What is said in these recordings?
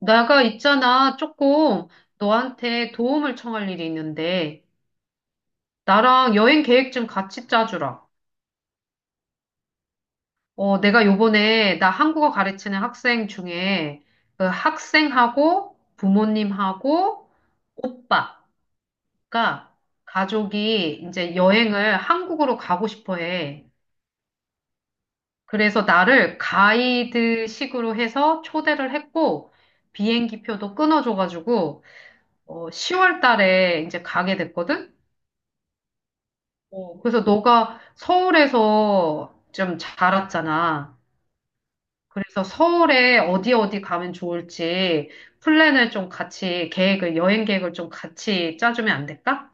내가 있잖아, 조금 너한테 도움을 청할 일이 있는데, 나랑 여행 계획 좀 같이 짜주라. 내가 요번에 나 한국어 가르치는 학생 중에 그 학생하고 부모님하고 오빠가 가족이 이제 여행을 한국으로 가고 싶어 해. 그래서 나를 가이드식으로 해서 초대를 했고, 비행기표도 끊어줘가지고, 10월 달에 이제 가게 됐거든? 그래서 너가 서울에서 좀 자랐잖아. 그래서 서울에 어디 어디 가면 좋을지 플랜을 좀 같이 계획을, 여행 계획을 좀 같이 짜주면 안 될까?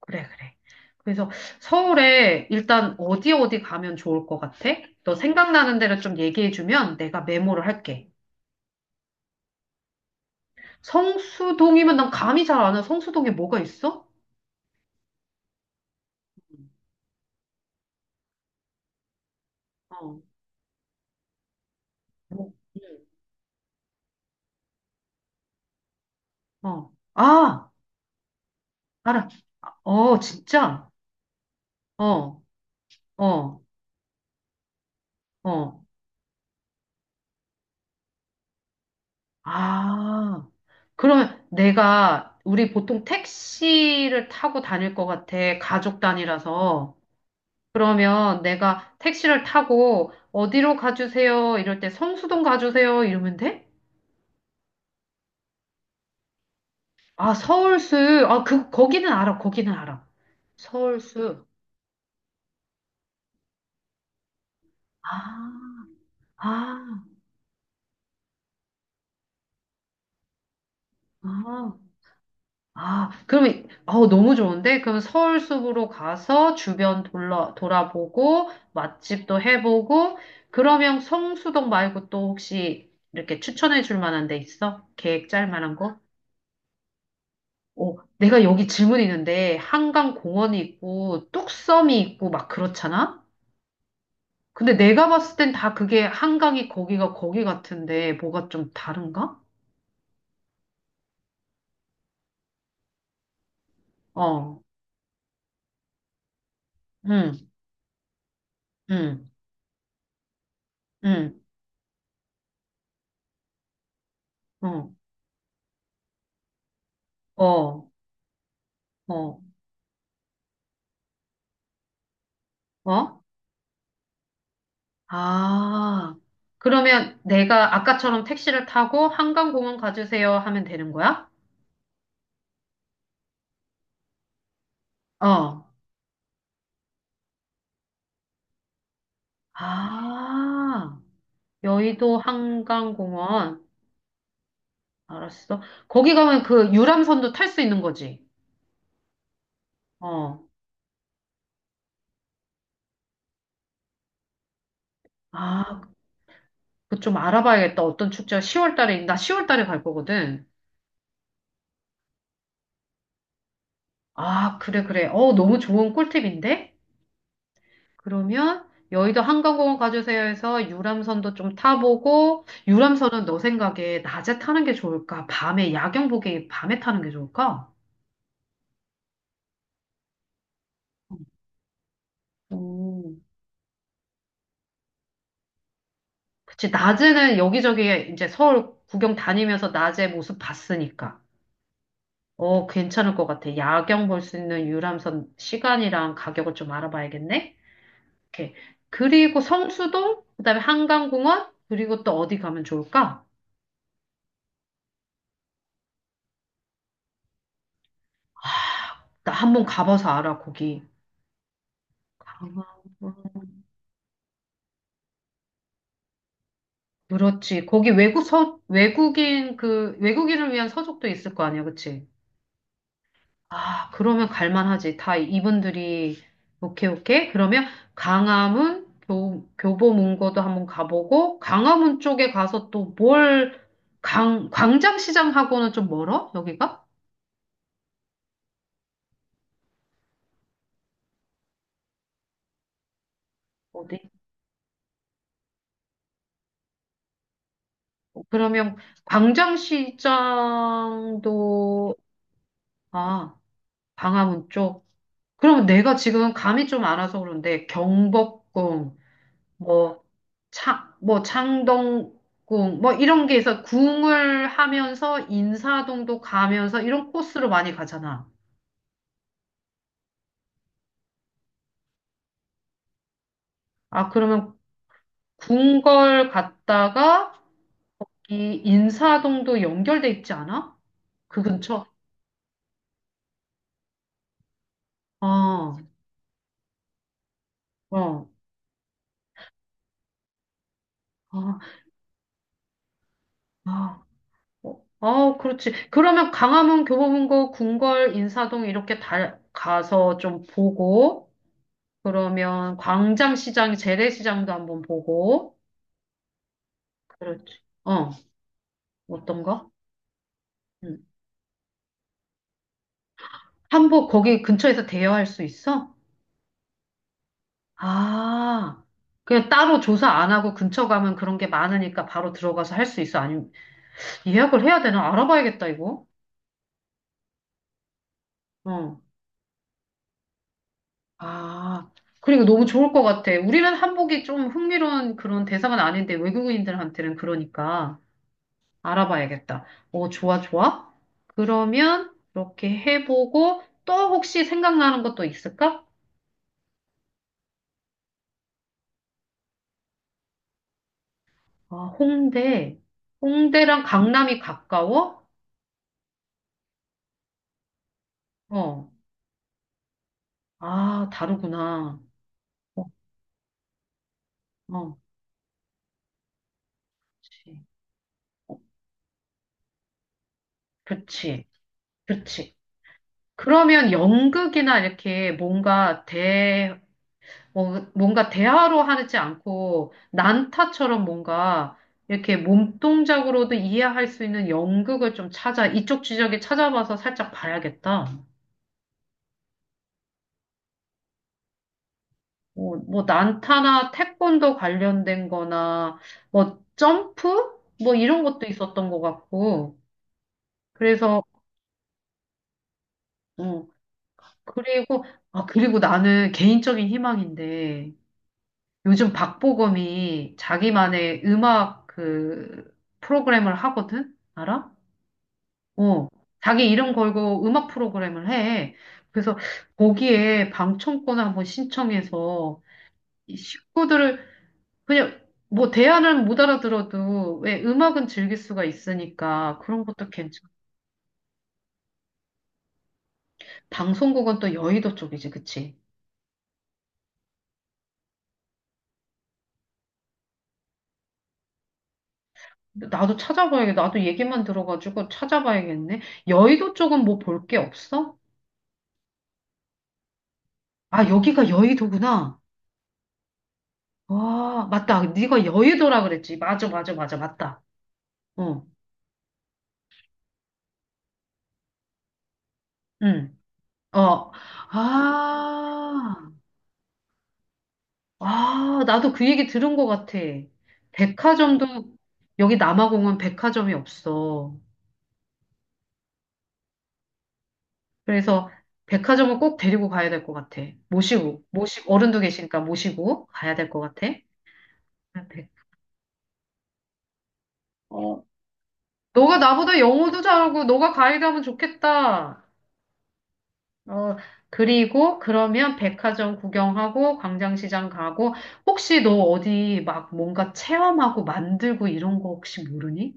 그래, 그래. 그래서 서울에 일단 어디 어디 가면 좋을 것 같아? 너 생각나는 데를 좀 얘기해주면 내가 메모를 할게. 성수동이면 난 감이 잘 안 와. 성수동에 뭐가 있어? 어, 뭐, 어. 아, 알아. 어, 진짜? 어, 어. 어. 아, 그러면 내가 우리 보통 택시를 타고 다닐 것 같아. 가족 단위라서. 그러면 내가 택시를 타고 어디로 가주세요? 이럴 때 성수동 가주세요? 이러면 돼? 아, 서울수. 아, 그, 거기는 알아. 거기는 알아. 서울수. 아, 아, 아. 아, 그러면, 아우, 너무 좋은데? 그럼 서울 숲으로 가서 주변 돌아보고, 맛집도 해보고, 그러면 성수동 말고 또 혹시 이렇게 추천해 줄 만한 데 있어? 계획 짤 만한 거? 오, 내가 여기 질문 있는데, 한강 공원이 있고, 뚝섬이 있고, 막 그렇잖아? 근데 내가 봤을 땐 다 그게 한강이 거기가 거기 같은데, 뭐가 좀 다른가? 어, 응, 응, 응, 응, 어, 어, 어. 어? 아, 그러면 내가 아까처럼 택시를 타고 한강공원 가주세요 하면 되는 거야? 어. 아, 여의도 한강공원. 알았어. 거기 가면 그 유람선도 탈 수 있는 거지. 어. 아, 그 좀 알아봐야겠다. 어떤 축제가 10월 달에, 나 10월 달에 갈 거거든. 아, 그래, 그래. 너무 좋은 꿀팁인데? 그러면 여의도 한강공원 가주세요 해서 유람선도 좀 타보고 유람선은 너 생각에 낮에 타는 게 좋을까? 밤에 야경 보기 밤에 타는 게 좋을까? 오, 그치 낮에는 여기저기 이제 서울 구경 다니면서 낮에 모습 봤으니까 어 괜찮을 것 같아. 야경 볼 수 있는 유람선 시간이랑 가격을 좀 알아봐야겠네. 이렇게 그리고 성수동 그다음에 한강공원 그리고 또 어디 가면 좋을까? 나 한번 가봐서 알아 거기. 아, 그렇지. 거기 외국인 그 외국인을 위한 서적도 있을 거 아니야, 그치? 아, 그러면 갈만하지. 다 이분들이 오케이, 오케이. 그러면 교보문고도 한번 가보고 강화문 쪽에 가서 또 뭘 광장시장하고는 좀 멀어? 여기가? 어디? 그러면 광장시장도 아, 강화문 쪽. 그러면 내가 지금 감이 좀 안 와서 그런데 경복궁 뭐 뭐 창동궁 뭐 이런 게 있어. 궁을 하면서 인사동도 가면서 이런 코스로 많이 가잖아. 아, 그러면 궁궐 갔다가 이 인사동도 연결돼 있지 않아? 그 근처? 어, 어, 어, 아, 어, 어, 그렇지. 그러면 강화문, 교보문고, 궁궐, 인사동 이렇게 다 가서 좀 보고, 그러면 광장시장, 재래시장도 한번 보고, 그렇지. 어, 어떤가? 한복 거기 근처에서 대여할 수 있어? 아, 그냥 따로 조사 안 하고 근처 가면 그런 게 많으니까 바로 들어가서 할 수 있어? 아니면 예약을 해야 되나? 알아봐야겠다, 이거. 어. 아, 그리고 너무 좋을 것 같아. 우리는 한복이 좀 흥미로운 그런 대상은 아닌데 외국인들한테는 그러니까 알아봐야겠다. 어, 좋아, 좋아. 그러면 그렇게 해보고 또 혹시 생각나는 것도 있을까? 아, 홍대. 홍대랑 강남이 가까워? 어. 아, 다르구나. 어, 어, 그치. 그치. 그치. 그러면 연극이나 이렇게 뭐, 뭔가 대화로 하지 않고 난타처럼 뭔가 이렇게 몸동작으로도 이해할 수 있는 연극을 좀 이쪽 지적에 찾아봐서 살짝 봐야겠다. 뭐, 뭐, 난타나 태권도 관련된 거나, 뭐, 점프? 뭐, 이런 것도 있었던 것 같고. 그래서, 어. 그리고, 아, 그리고 나는 개인적인 희망인데, 요즘 박보검이 자기만의 음악 그 프로그램을 하거든? 알아? 어. 자기 이름 걸고 음악 프로그램을 해. 그래서 거기에 방청권을 한번 신청해서 이 식구들을 그냥 뭐 대화는 못 알아들어도 왜 음악은 즐길 수가 있으니까 그런 것도 괜찮아. 방송국은 또 여의도 쪽이지, 그치? 나도 찾아봐야겠다. 나도 얘기만 들어가지고 찾아봐야겠네. 여의도 쪽은 뭐 볼 게 없어? 아, 여기가 여의도구나. 와, 맞다. 네가 여의도라 그랬지. 맞아, 맞아, 맞아, 맞다. 어, 응, 어. 아, 아, 나도 그 얘기 들은 것 같아. 백화점도, 여기 남아공은 백화점이 없어. 그래서 백화점을 꼭 데리고 가야 될 것 같아. 모시 어른도 계시니까 모시고 가야 될 것 같아. 아, 백, 어, 너가 나보다 영어도 잘하고 너가 가이드하면 좋겠다. 어, 그리고 그러면 백화점 구경하고 광장시장 가고 혹시 너 어디 막 뭔가 체험하고 만들고 이런 거 혹시 모르니?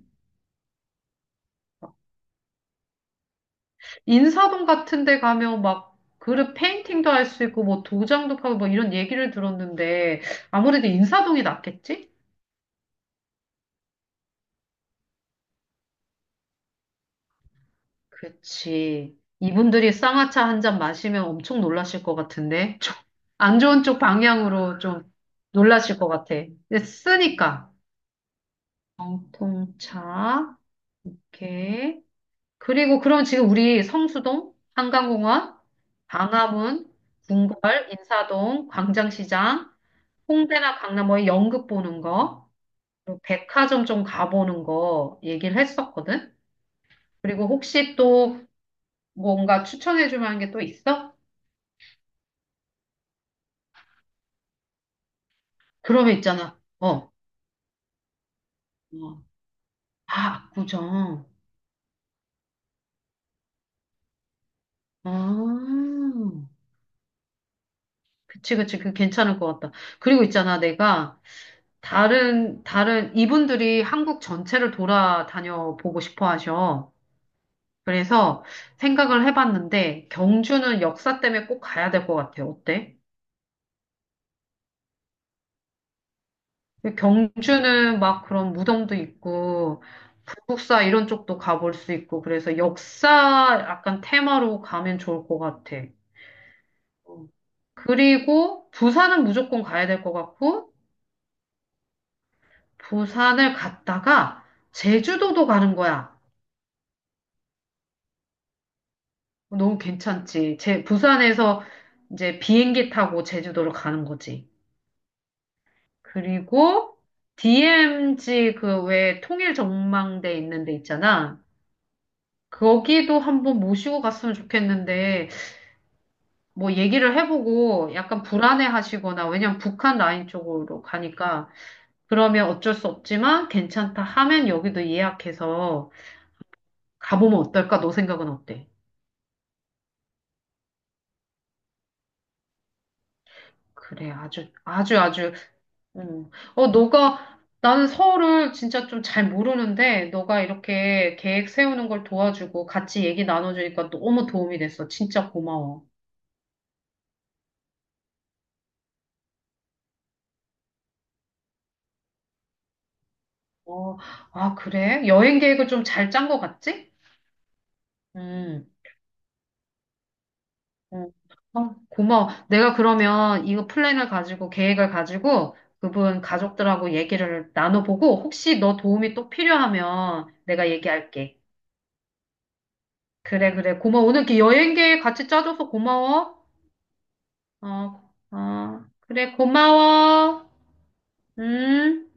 인사동 같은 데 가면 막 그릇 페인팅도 할 수 있고 뭐 도장도 파고 뭐 이런 얘기를 들었는데 아무래도 인사동이 낫겠지? 그치. 이분들이 쌍화차 한 잔 마시면 엄청 놀라실 것 같은데. 안 좋은 쪽 방향으로 좀 놀라실 것 같아. 근데 쓰니까. 정통차. 오케이. 그리고 그럼 지금 우리 성수동, 한강공원, 광화문, 궁궐, 인사동, 광장시장, 홍대나 강남 뭐 연극 보는 거, 그리고 백화점 좀 가보는 거 얘기를 했었거든. 그리고 혹시 또 뭔가 추천해 줄 만한 게 또 있어? 그러면 있잖아. 어. 어. 아, 압구정. 아. 그치, 그치, 그 괜찮을 것 같다. 그리고 있잖아, 내가 다른, 이분들이 한국 전체를 돌아다녀 보고 싶어 하셔. 그래서 생각을 해봤는데, 경주는 역사 때문에 꼭 가야 될 것 같아. 어때? 경주는 막 그런 무덤도 있고, 불국사 이런 쪽도 가볼 수 있고, 그래서 역사 약간 테마로 가면 좋을 것 같아. 어. 그리고 부산은 무조건 가야 될 것 같고, 부산을 갔다가 제주도도 가는 거야. 너무 괜찮지. 부산에서 이제 비행기 타고 제주도를 가는 거지. 그리고 DMZ 그 왜 통일 전망대 있는 데 있잖아. 거기도 한번 모시고 갔으면 좋겠는데 뭐 얘기를 해보고 약간 불안해 하시거나 왜냐면 북한 라인 쪽으로 가니까 그러면 어쩔 수 없지만 괜찮다 하면 여기도 예약해서 가보면 어떨까? 너 생각은 어때? 그래, 아주, 아주, 아주, 어. 어, 너가, 나는 서울을 진짜 좀 잘 모르는데, 너가 이렇게 계획 세우는 걸 도와주고 같이 얘기 나눠주니까 너무 도움이 됐어. 진짜 고마워. 어, 아, 그래? 여행 계획을 좀 잘 짠 것 같지? 음, 음. 어, 고마워. 내가 그러면 이거 플랜을 가지고, 계획을 가지고, 그분 가족들하고 얘기를 나눠보고, 혹시 너 도움이 또 필요하면 내가 얘기할게. 그래, 그래. 고마워. 오늘 이렇게 여행 계획 같이 짜줘서 고마워. 어, 어, 그래, 고마워. 음.